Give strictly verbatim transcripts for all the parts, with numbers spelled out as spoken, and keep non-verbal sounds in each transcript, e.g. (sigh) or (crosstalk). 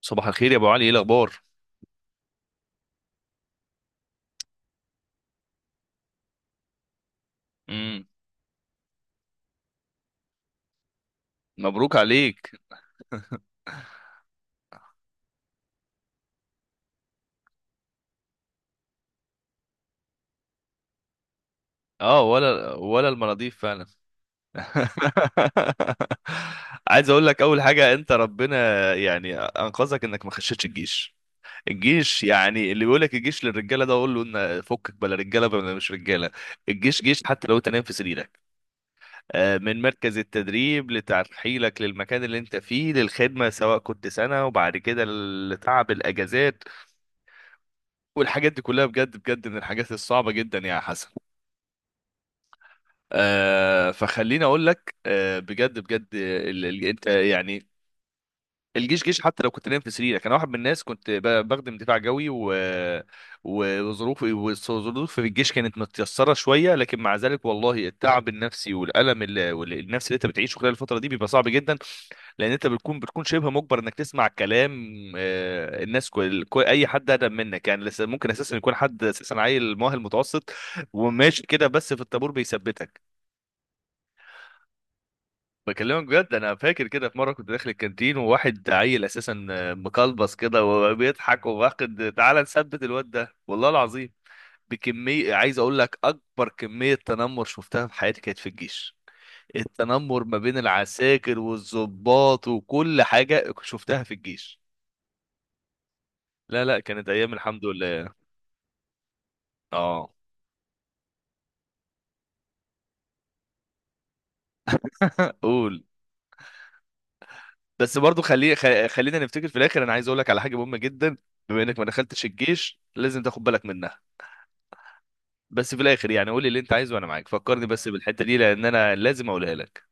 صباح الخير يا ابو علي، ايه الاخبار؟ امم مبروك عليك. اه، ولا ولا المناضيف فعلا. (laughs) عايز اقول لك اول حاجه، انت ربنا يعني انقذك انك ما خشيتش الجيش. الجيش يعني اللي بيقول لك الجيش للرجاله ده، اقول له ان فكك بلا رجاله بلا مش رجاله. الجيش جيش حتى لو انت نايم في سريرك. آه، من مركز التدريب لترحيلك للمكان اللي انت فيه للخدمه، سواء كنت سنه وبعد كده، لتعب الاجازات والحاجات دي كلها، بجد بجد من الحاجات الصعبه جدا يا حسن. آه، فخليني اقول لك، آه بجد بجد، ال ال انت يعني الجيش جيش حتى لو كنت نايم في سريرك. انا واحد من الناس كنت ب- بخدم دفاع جوي، و وظروفي وظروفي في الجيش كانت متيسره شويه، لكن مع ذلك والله التعب النفسي والالم ال- وال- النفسي اللي انت بتعيشه خلال الفتره دي بيبقى صعب جدا. لان انت بتكون بتكون شبه مجبر انك تسمع كلام. آه، الناس كل كل- اي حد اقدم منك يعني لسه ممكن اساسا يكون حد اساسا عيل مؤهل متوسط وماشي كده، بس في الطابور بيثبتك. بكلمك بجد، انا فاكر كده في مره كنت داخل الكانتين، وواحد عيل اساسا مقلبص كده وبيضحك وواخد، تعالى نثبت الواد ده والله العظيم. بكميه، عايز اقول لك، اكبر كميه تنمر شفتها في حياتي كانت في الجيش. التنمر ما بين العساكر والضباط وكل حاجه شفتها في الجيش. لا لا، كانت ايام الحمد لله. اه، قول. بس برضو خلي خ- خلينا نفتكر في الاخر، انا عايز اقول لك على حاجه مهمه جدا. بما انك ما دخلتش الجيش، لازم تاخد بالك منها. بس في الاخر يعني قول لي اللي انت عايزه وانا معاك، فكرني بس بالحته دي لان انا لازم اقولها لك.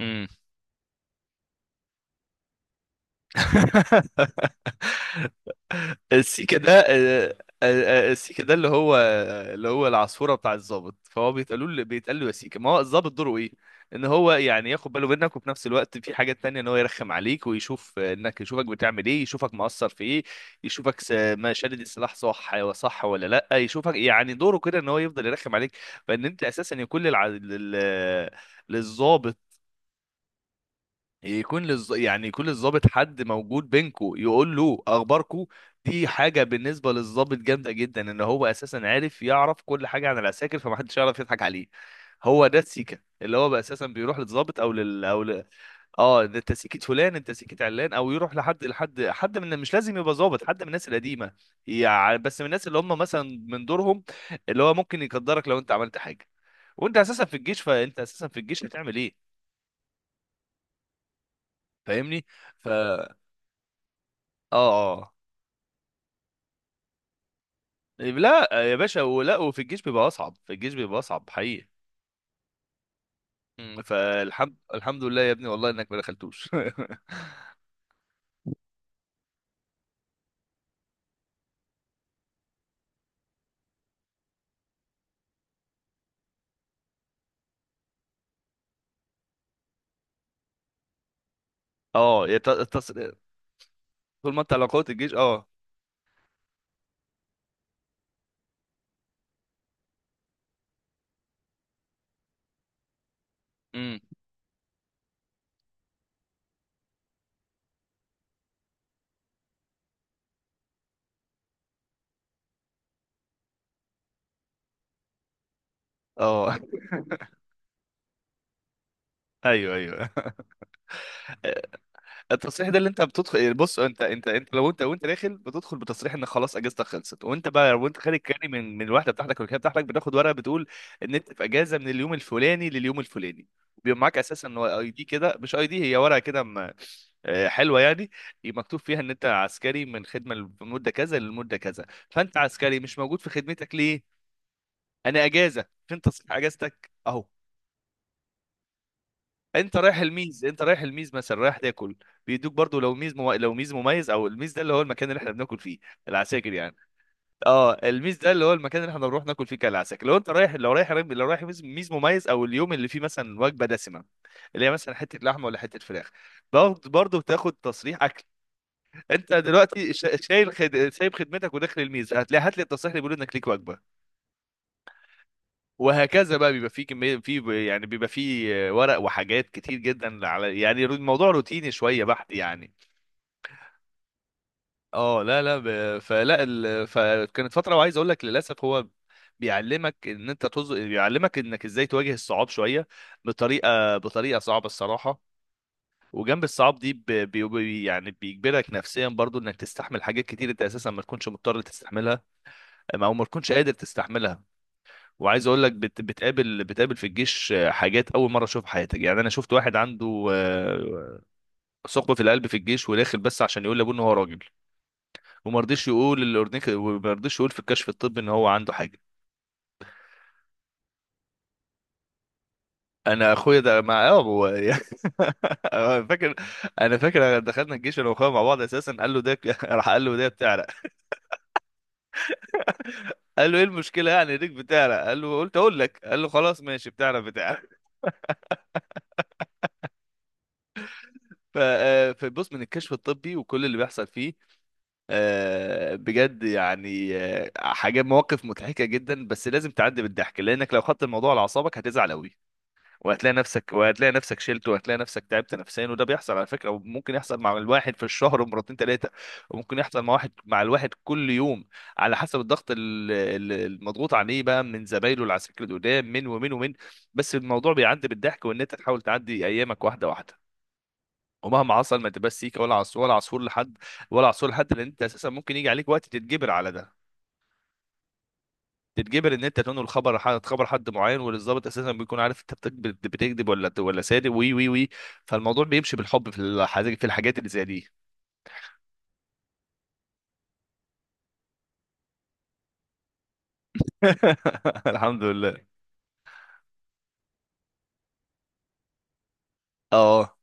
امم (laughs) (laughs) السيكا ده، آه، آه، آه، السيكا ده اللي هو، اللي هو العصفوره بتاع الضابط. فهو بيتقالوا له، بيتقال له يا سيكا. ما هو الضابط دوره ايه؟ ان هو يعني ياخد باله منك، وفي نفس الوقت في حاجات تانية ان هو يرخم عليك، ويشوف انك، يشوفك بتعمل ايه، يشوفك مقصر في ايه، يشوفك س- ما شادد السلاح صح، صح ولا لا، يشوفك يعني دوره كده ان هو يفضل يرخم عليك. فان انت اساسا يكون للع... لل... للضابط، يكون للز... يعني يكون للضابط حد موجود بينكو يقول له اخباركو. دي حاجه بالنسبه للضابط جامده جدا، ان هو اساسا عارف، يعرف كل حاجه عن العساكر، فمحدش يعرف يضحك عليه. هو ده السيكه، اللي هو بقى اساسا بيروح للضابط او لل او ل... اه، ده انت سيكه فلان، انت سيكه علان، او يروح لحد لحد حد، من مش لازم يبقى ضابط، حد من الناس القديمه، يعني بس من الناس اللي هم مثلا من دورهم، اللي هو ممكن يقدرك لو انت عملت حاجه. وانت اساسا في الجيش، فانت اساسا في الجيش هتعمل ايه؟ فاهمني؟ ف اه اه. إيه، لا يا باشا، ولا. وفي الجيش بيبقى اصعب، في الجيش بيبقى اصعب حقيقي. مم. فالحمد، الحمد لله يا ابني والله انك ما دخلتوش. (laughs) اه يا ت- تص... طول ما انت على قوة الجيش، اه. مم. اه. (laughs) ايوه ايوه. (laughs) التصريح ده اللي انت بتدخل يعني، بص، انت انت انت لو انت وانت داخل بتدخل بتصريح، ان خلاص اجازتك خلصت. وانت بقى وانت خارج كاري من من الوحده بتاعتك والكليه بتاعتك، بتاخد ورقه بتقول ان انت في اجازه من اليوم الفلاني لليوم الفلاني، وبيبقى معاك اساسا اي دي كده، مش اي دي، هي ورقه كده م- آه، حلوه يعني، مكتوب فيها ان انت عسكري من خدمه لمده كذا للمده كذا. فانت عسكري مش موجود في خدمتك ليه؟ انا اجازه، فين تصريح اجازتك؟ اهو. انت رايح الميز، انت رايح الميز مثلا رايح تاكل، بيدوك برضو، لو ميز مم... لو ميز مميز، او الميز ده اللي هو المكان اللي احنا بناكل فيه العساكر يعني. اه الميز ده اللي هو المكان اللي احنا بنروح ناكل فيه كالعساكر، لو انت رايح، لو رايح لو رايح ميز، ميز مميز، او اليوم اللي فيه مثلا وجبه دسمه، اللي هي مثلا حته لحمه ولا حته فراخ، برضه برضه بتاخد تصريح اكل. انت دلوقتي شا- شايل خد... سايب خدمتك وداخل الميز، هتلاقي هات لي التصريح اللي بيقول انك ليك وجبه. وهكذا بقى، بيبقى فيه كمية في يعني بيبقى فيه ورق وحاجات كتير جدا على يعني رو- الموضوع روتيني شوية بحت يعني. اه لا لا، ب... فلا ال... فكانت فترة، وعايز اقول لك للأسف، هو بيعلمك ان انت تز... بيعلمك انك ازاي تواجه الصعاب شوية، بطريقة بطريقة صعبة الصراحة. وجنب الصعاب دي، ب... بي... بي- يعني بيجبرك نفسيا برضو انك تستحمل حاجات كتير انت اساسا ما تكونش مضطر تستحملها، او ما تكونش قادر تستحملها. وعايز اقول لك، بت... بتقابل بتقابل في الجيش حاجات اول مره اشوفها في حياتك يعني. انا شفت واحد عنده آه، ثقب في القلب في الجيش، وداخل بس عشان يقول لابوه ان هو راجل، وما رضيش يقول للاورنيك، وما رضيش يقول في الكشف الطبي ان هو عنده حاجه. انا اخويا ده مع اه هو (laughs) أنا فاكر، انا فاكر دخلنا الجيش انا واخويا مع بعض اساسا، قال له ده (laughs) راح قال له ده بتعرق. قال له ايه المشكله يعني، ريك بتعرق؟ قال له، قلت اقول لك. قال له خلاص ماشي، بتعرق بتعرق. ف- آه، فبص من الكشف الطبي وكل اللي بيحصل فيه، آه، بجد يعني آه، حاجات مواقف مضحكة جدا، بس لازم تعدي بالضحك، لأنك لو خدت الموضوع على أعصابك هتزعل أوي. وهتلاقي نفسك وهتلاقي نفسك شلت، وهتلاقي نفسك تعبت نفسيا. وده بيحصل على فكرة، وممكن يحصل مع الواحد في الشهر ومرتين تلاتة، وممكن يحصل مع واحد مع الواحد كل يوم، على حسب الضغط ال- ال- المضغوط عليه بقى من زمايله العساكر القدام من ومن ومن بس الموضوع بيعدي بالضحك، وإن أنت تحاول تعدي أيامك واحدة واحدة. ومهما حصل ما تبقاش سيكه ولا عصفور، ولا عصفور لحد ولا عصفور لحد، لان انت اساسا ممكن يجي عليك وقت تتجبر على ده، تتجبر ان انت تنقل خبر حد، خبر حد معين، والضابط اساسا بيكون عارف انت بتكذب بتكذب ولا ولا صادق، وي وي وي فالموضوع بيمشي بالحب في الحاجات، في الحاجات اللي زي دي. (laughs) الحمد لله. اه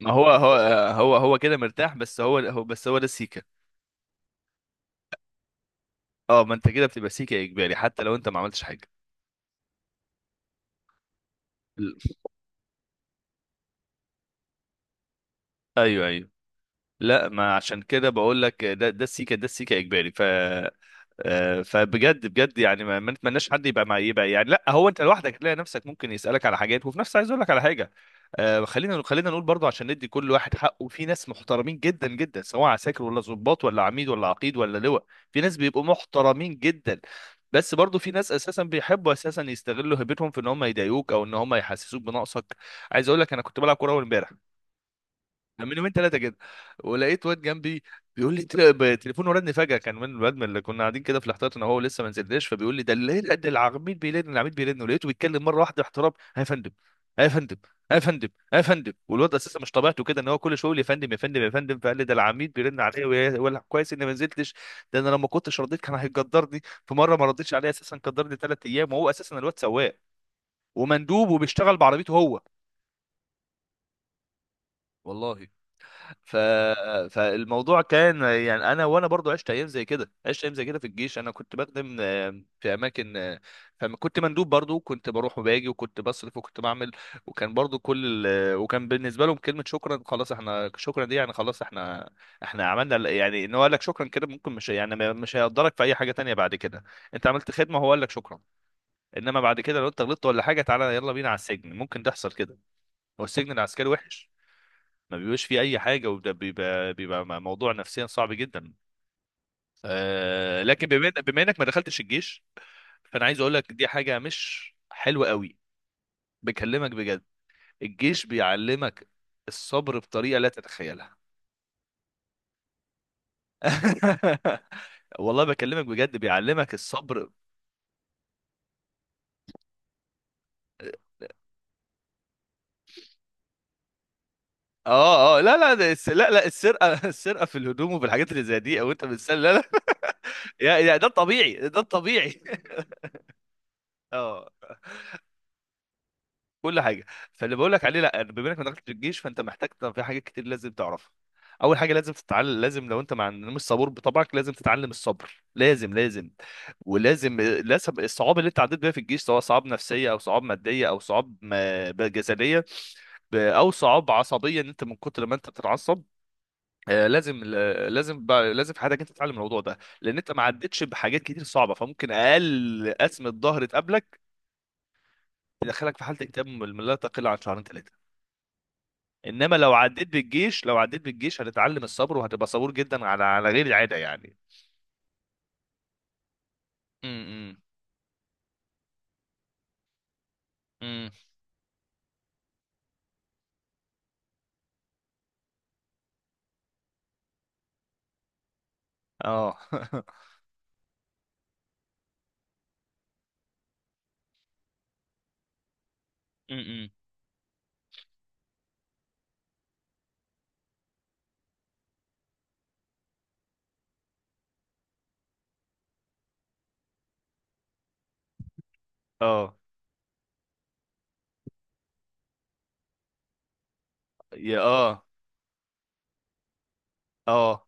ما هو هو، هو هو كده مرتاح، بس هو هو بس هو ده السيكه. اه، ما انت كده بتبقى سيكه اجباري حتى لو انت ما عملتش حاجه. ايوه ايوه. لا، ما عشان كده بقول لك، ده ده السيكه، ده السيكه اجباري. ف آه، فبجد بجد يعني ما ما نتمناش حد يبقى مع، يبقى يعني، لا هو انت لوحدك هتلاقي نفسك ممكن يسالك على حاجات، وفي نفس، عايز اقول لك على حاجه، آه، خلينا خلينا نقول برضو عشان ندي كل واحد حقه، في ناس محترمين جدا جدا، سواء عساكر ولا ضباط ولا عميد ولا عقيد ولا لواء، في ناس بيبقوا محترمين جدا. بس برضو في ناس اساسا بيحبوا اساسا يستغلوا هيبتهم في ان هم يضايقوك، او ان هم يحسسوك بنقصك. عايز اقول لك، انا كنت بلعب كوره اول امبارح، من يومين ثلاثه كده، ولقيت واد جنبي بيقول لي، تل- ب- تليفونه رن فجاه، كان من الواد من اللي كنا قاعدين كده في الاحتياط، انا هو لسه ما نزلناش، فبيقول لي ده اللي ده العميد بيرن، العميد بيرن، ولقيته بيتكلم مره واحده باحترام، "ها يا فندم، ها يا فندم، ها يا فندم، ها يا فندم". والواد اساسا مش طبيعته كده ان هو كل شويه يقول يا فندم يا فندم يا فندم، فقال لي ده العميد بيرن عليا، ويا- ولا كويس اني ما نزلتش. ده انا لو ما كنتش رديت كان هيقدرني. في مره ما رديتش عليه اساسا قدرني ثلاث ايام، وهو اساسا الواد سواق ومندوب وبيشتغل بعربيته هو، والله. ف... فالموضوع كان يعني انا، وانا برضو عشت ايام زي كده، عشت ايام زي كده في الجيش. انا كنت بخدم آه، في اماكن آه، فكنت مندوب برضو، كنت بروح وباجي، وكنت بصرف وكنت بعمل. وكان برضو كل ال... وكان بالنسبه لهم كلمه شكرا، خلاص احنا، شكرا دي يعني خلاص احنا، احنا عملنا ال- يعني ان هو قال لك شكرا كده، ممكن مش يعني ما- مش هيقدرك في اي حاجه تانية بعد كده. انت عملت خدمه، هو قال لك شكرا. انما بعد كده لو انت غلطت ولا حاجه، تعالى يلا بينا على السجن، ممكن تحصل كده. والسجن العسكري وحش، ما بيبقاش فيه اي حاجه. وده بيبقى بيبقى موضوع نفسيا صعب جدا. آه لكن بما بما انك ما دخلتش الجيش، فانا عايز اقول لك دي حاجه مش حلوه قوي، بكلمك بجد. الجيش بيعلمك الصبر بطريقه لا تتخيلها. (laughs) والله بكلمك بجد، بيعلمك الصبر. اه اه، لا لا، ده الس... لا لا السرقه، (laughs) السرقه في الهدوم وفي الحاجات اللي زي دي، او انت بتسال، لا لا. (laughs) يا يا ده الطبيعي، ده الطبيعي. (laughs) اه، كل حاجه. فاللي بقول لك عليه، لا، بما انك ما دخلتش الجيش، فانت محتاج، طب في حاجات كتير لازم تعرفها. اول حاجه لازم تتعلم، لازم لو انت مع، مش صبور بطبعك، لازم تتعلم الصبر، لازم لازم. ولازم لازم الصعاب اللي انت عديت بيها في الجيش، سواء صعاب نفسيه او صعاب ماديه او صعاب آه، جسديه ب- او صعاب عصبيه ان انت من كتر ما انت بتتعصب، آه، لازم آه، لازم بقى- لازم في حياتك انت تتعلم الموضوع ده، لان انت ما عدتش بحاجات كتير صعبه، فممكن اقل قسمه ظهر تقابلك تدخلك في حاله اكتئاب لا تقل عن شهرين ثلاثه. انما لو عديت بالجيش، لو عديت بالجيش هتتعلم الصبر، وهتبقى صبور جدا على، على غير العاده يعني. امم امم اه. (laughs) امم اه. يا اه. اه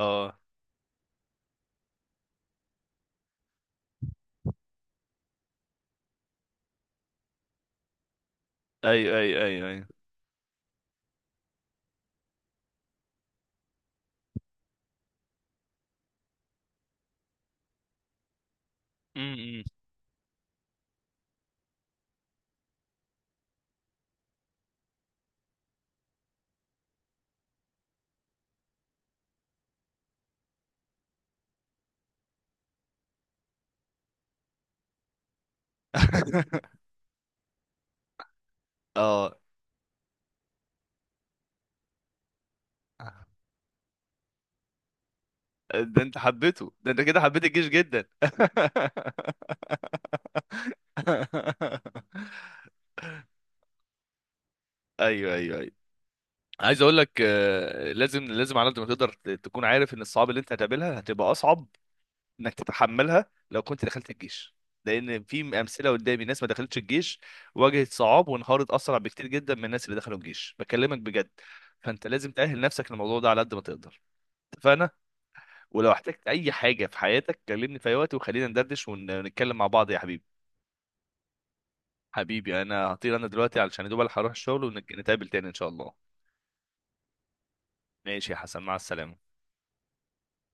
اه. ايوه ايوه ايوه ايوه. امم (laughs) اه، ده انت حبيته، ده انت كده حبيت الجيش جدا. (laughs) ايوه ايوه ايوه. عايز اقول لك، آه، لازم لازم على قد ما تقدر، ت- تكون عارف ان الصعاب اللي انت هتقابلها هتبقى اصعب انك تتحملها لو كنت دخلت الجيش. لان في امثله قدامي، ناس ما دخلتش الجيش واجهت صعاب، وانهارت اسرع بكتير جدا من الناس اللي دخلوا الجيش، بكلمك بجد. فانت لازم تاهل نفسك للموضوع ده على قد ما تقدر. اتفقنا. ولو احتجت اي حاجه في حياتك كلمني في اي وقت، وخلينا ندردش ونتكلم مع بعض يا حبيبي. حبيبي انا هطير انا دلوقتي علشان يا دوب ألحق اروح الشغل، ونتقابل تاني ان شاء الله. ماشي يا حسن، مع السلامه.